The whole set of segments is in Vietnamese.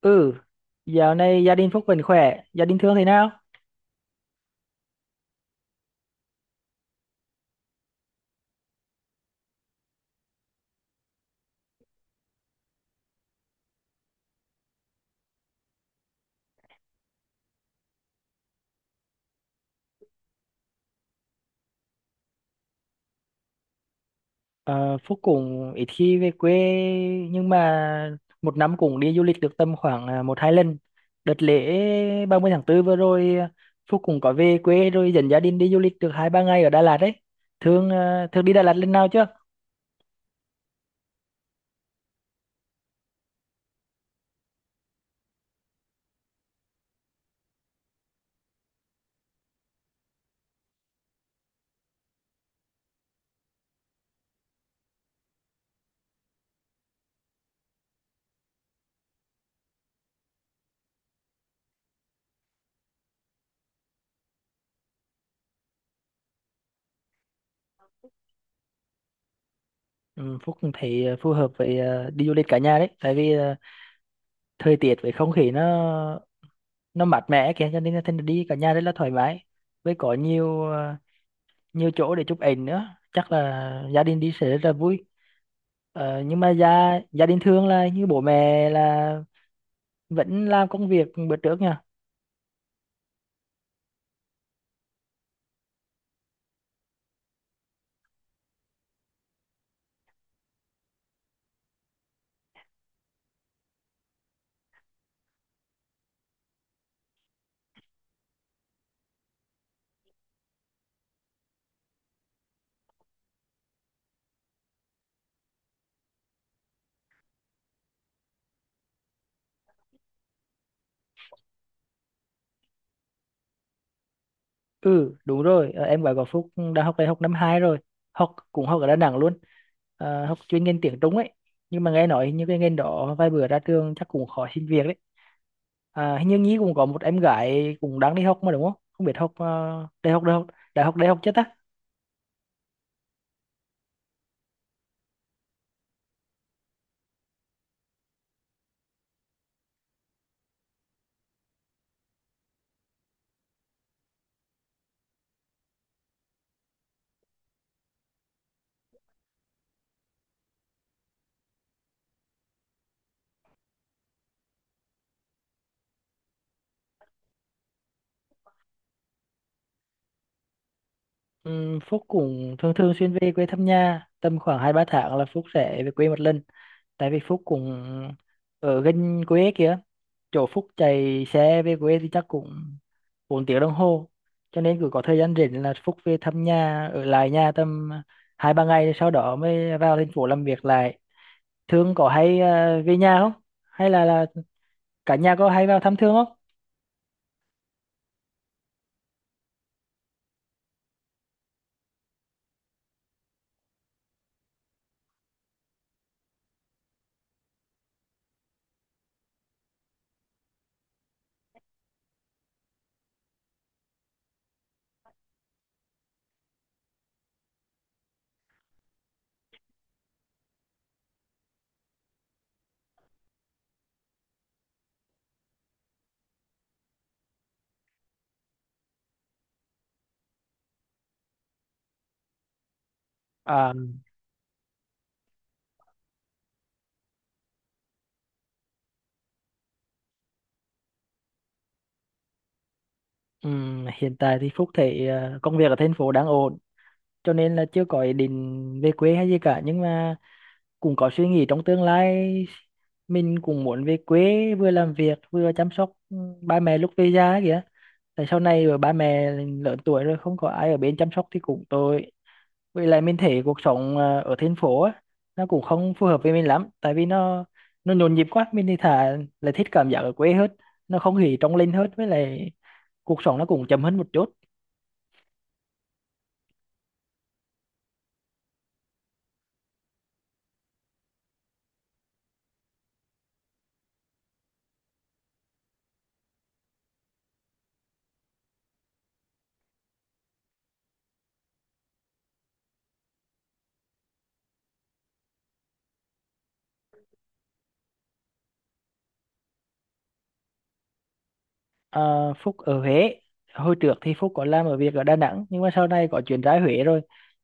Ừ, dạo này gia đình Phúc vẫn khỏe, gia đình Thương thế nào? Ờ, Phúc cũng ít khi về quê nhưng mà một năm cũng đi du lịch được tầm khoảng một hai lần. Đợt lễ 30/4 vừa rồi, Phúc cũng có về quê rồi dẫn gia đình đi du lịch được hai ba ngày ở Đà Lạt đấy. Thương à, Thương đi Đà Lạt lần nào chưa? Ừ, Phúc cũng thấy phù hợp với đi du lịch cả nhà đấy, tại vì thời tiết với không khí nó mát mẻ kìa cho nên là thành ra đi cả nhà rất là thoải mái. Với có nhiều nhiều chỗ để chụp ảnh nữa, chắc là gia đình đi sẽ rất là vui. Nhưng mà gia gia đình thường là như bố mẹ là vẫn làm công việc bữa trước nha. Ừ, đúng rồi. Ờ, em gái của Phúc đã học đại học năm 2 rồi, học cũng học ở Đà Nẵng luôn. Ờ, học chuyên ngành tiếng Trung ấy, nhưng mà nghe nói như cái ngành đó vài bữa ra trường chắc cũng khó xin việc đấy. Hình như Nhi cũng có một em gái cũng đang đi học mà đúng không? Không biết học đại học đại học đại học chưa ta? Phúc cũng thường thường xuyên về quê thăm nhà, tầm khoảng hai ba tháng là Phúc sẽ về quê một lần. Tại vì Phúc cũng ở gần quê kia, chỗ Phúc chạy xe về quê thì chắc cũng 4 tiếng đồng hồ, cho nên cứ có thời gian rảnh là Phúc về thăm nhà, ở lại nhà tầm hai ba ngày sau đó mới vào thành phố làm việc lại. Thương có hay về nhà không, hay là cả nhà có hay vào thăm Thương không? À, ừm, hiện tại thì Phúc thấy công việc ở thành phố đang ổn, cho nên là chưa có ý định về quê hay gì cả, nhưng mà cũng có suy nghĩ trong tương lai mình cũng muốn về quê vừa làm việc vừa chăm sóc ba mẹ lúc về già ấy kìa. Tại sau này rồi ba mẹ lớn tuổi rồi không có ai ở bên chăm sóc thì cũng tội. Với lại mình thấy cuộc sống ở thành phố á, nó cũng không phù hợp với mình lắm, tại vì nó nhộn nhịp quá. Mình thì thà là thích cảm giác ở quê hết, nó không khí trong lành hết, với lại cuộc sống nó cũng chậm hơn một chút. Ờ, Phúc ở Huế. Hồi trước thì Phúc có làm ở việc ở Đà Nẵng, nhưng mà sau này có chuyển ra Huế rồi,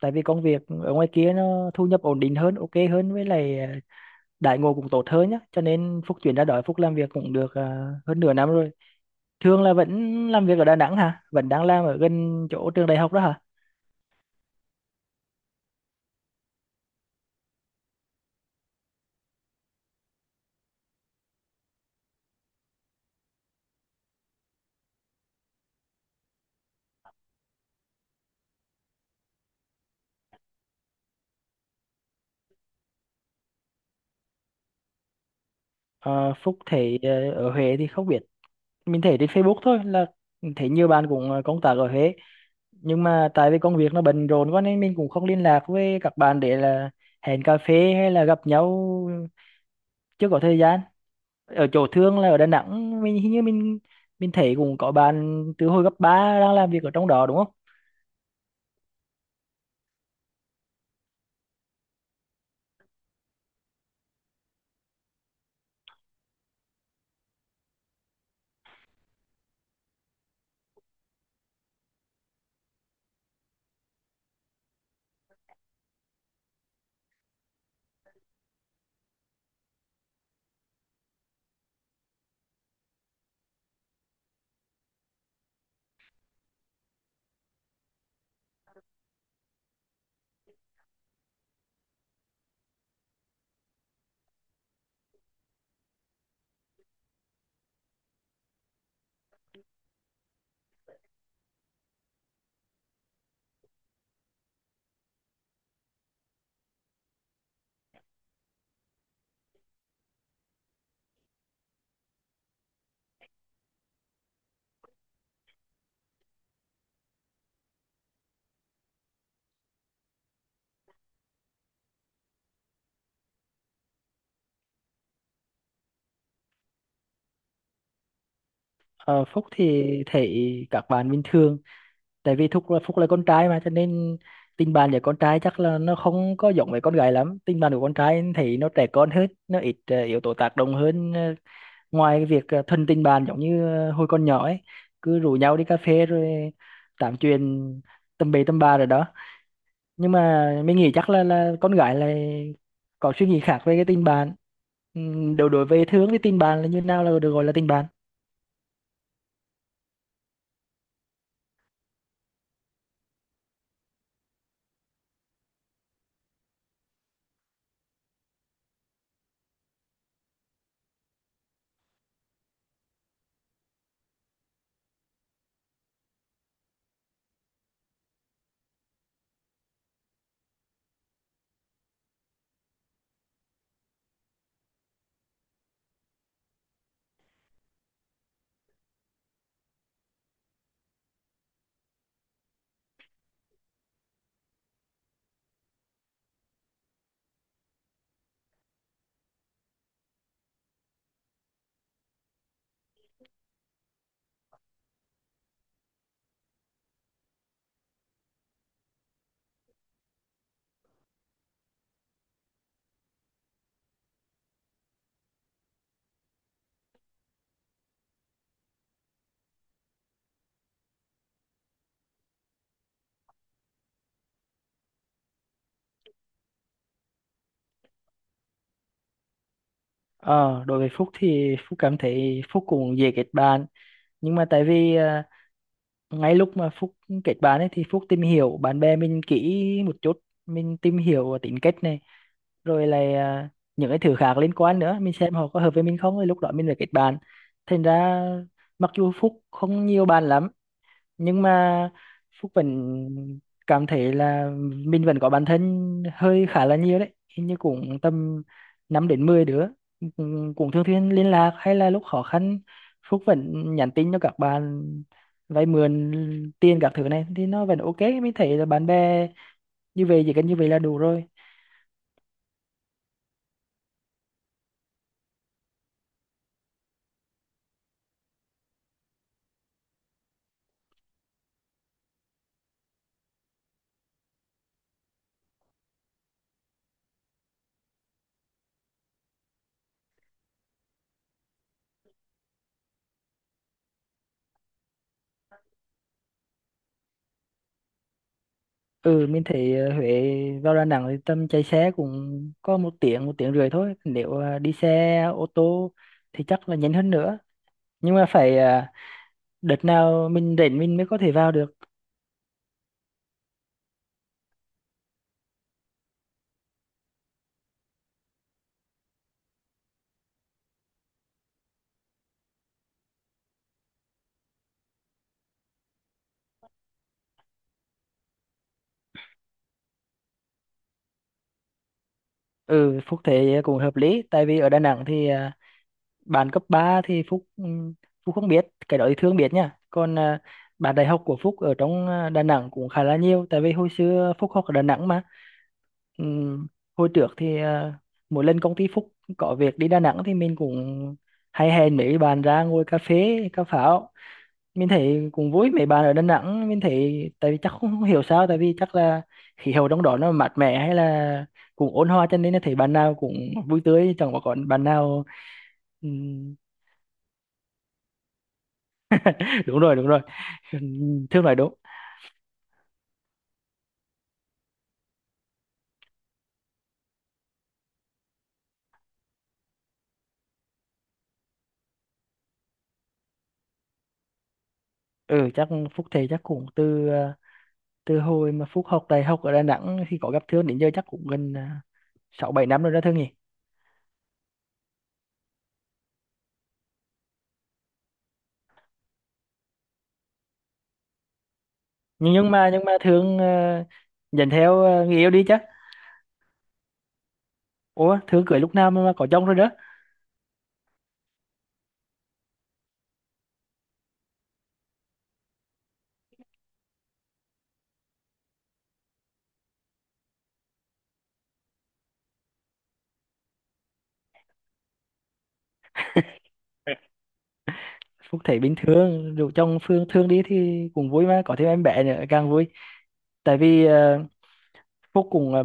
tại vì công việc ở ngoài kia nó thu nhập ổn định hơn, ok hơn, với lại đãi ngộ cũng tốt hơn nhá, cho nên Phúc chuyển ra đó. Phúc làm việc cũng được hơn nửa năm rồi. Thường là vẫn làm việc ở Đà Nẵng hả, vẫn đang làm ở gần chỗ trường đại học đó hả? Ờ, Phúc thấy ở Huế thì không biết, mình thấy trên Facebook thôi, là thấy nhiều bạn cũng công tác ở Huế, nhưng mà tại vì công việc nó bận rộn quá nên mình cũng không liên lạc với các bạn để là hẹn cà phê hay là gặp nhau, chưa có thời gian. Ở chỗ Thương là ở Đà Nẵng, mình hình như mình thấy cũng có bạn từ hồi cấp 3 đang làm việc ở trong đó đúng không? Ờ, Phúc thì thấy các bạn bình thường, tại vì Phúc là con trai mà, cho nên tình bạn với con trai chắc là nó không có giống với con gái lắm. Tình bạn của con trai thấy nó trẻ con hơn, nó ít yếu tố tác động hơn, ngoài cái việc thân tình bạn giống như hồi còn nhỏ ấy, cứ rủ nhau đi cà phê rồi tám chuyện tầm bậy tầm bạ rồi đó. Nhưng mà mình nghĩ chắc là con gái là có suy nghĩ khác về cái tình bạn. Đối đối với Thương thì tình bạn là như nào là được gọi là tình bạn? Ờ đối với Phúc thì Phúc cảm thấy Phúc cũng dễ kết bạn, nhưng mà tại vì ngay lúc mà Phúc kết bạn ấy thì Phúc tìm hiểu bạn bè mình kỹ một chút, mình tìm hiểu tính cách này rồi là những cái thứ khác liên quan nữa, mình xem họ có hợp với mình không rồi lúc đó mình phải kết bạn. Thành ra mặc dù Phúc không nhiều bạn lắm nhưng mà Phúc vẫn cảm thấy là mình vẫn có bạn thân hơi khá là nhiều đấy, hình như cũng tầm 5 đến 10 đứa, cũng cũng thường xuyên liên lạc hay là lúc khó khăn Phúc vẫn nhắn tin cho các bạn vay mượn tiền các thứ này thì nó vẫn ok. Mình thấy là bạn bè như vậy, chỉ cần như vậy là đủ rồi. Ừ, mình thấy Huế vào Đà Nẵng thì tầm chạy xe cũng có một tiếng rưỡi thôi, nếu đi xe ô tô thì chắc là nhanh hơn nữa. Nhưng mà phải đợt nào mình rảnh mình mới có thể vào được. Ừ, Phúc thấy cũng hợp lý, tại vì ở Đà Nẵng thì bạn cấp 3 thì Phúc Phúc không biết, cái đó thì Thương biết nha. Còn bạn đại học của Phúc ở trong Đà Nẵng cũng khá là nhiều, tại vì hồi xưa Phúc học ở Đà Nẵng mà. Ừm, Hồi trước thì mỗi lần công ty Phúc có việc đi Đà Nẵng thì mình cũng hay hẹn mấy bạn ra ngồi cà phê cà pháo, mình thấy cũng vui. Mấy bạn ở Đà Nẵng, mình thấy tại vì chắc không hiểu sao, tại vì chắc là khí hậu trong đó nó mát mẻ hay là cũng ôn hòa cho nên là thấy bạn nào cũng vui tươi, chẳng có còn bạn nào ừm, đúng rồi, đúng rồi Thương nói đúng. Ừ, chắc Phúc thầy chắc cũng từ hồi mà Phúc học đại học ở Đà Nẵng thì có gặp Thương đến giờ chắc cũng gần sáu bảy năm rồi đó Thương nhỉ? Nhưng mà Thương nhận theo người yêu đi chứ. Ủa, Thương cưới lúc nào mà có chồng rồi đó? Phúc thấy bình thường, dù chồng Phương Thương đi thì cũng vui mà có thêm em bé nữa càng vui. Tại vì Phúc cũng ờ,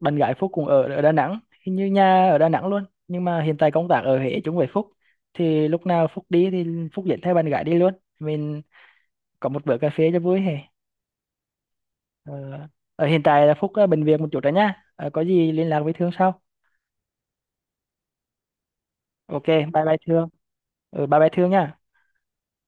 bạn gái Phúc cũng ở ở Đà Nẵng, hình như nhà ở Đà Nẵng luôn nhưng mà hiện tại công tác ở Huế chung với Phúc, thì lúc nào Phúc đi thì Phúc dẫn theo bạn gái đi luôn, mình có một bữa cà phê cho vui hè. ờ, Ở hiện tại là Phúc bệnh viện một chút rồi nhá. Ờ, có gì liên lạc với Thương sau. Ok, bye bye Thương. Ừ, bye bye Thương nha.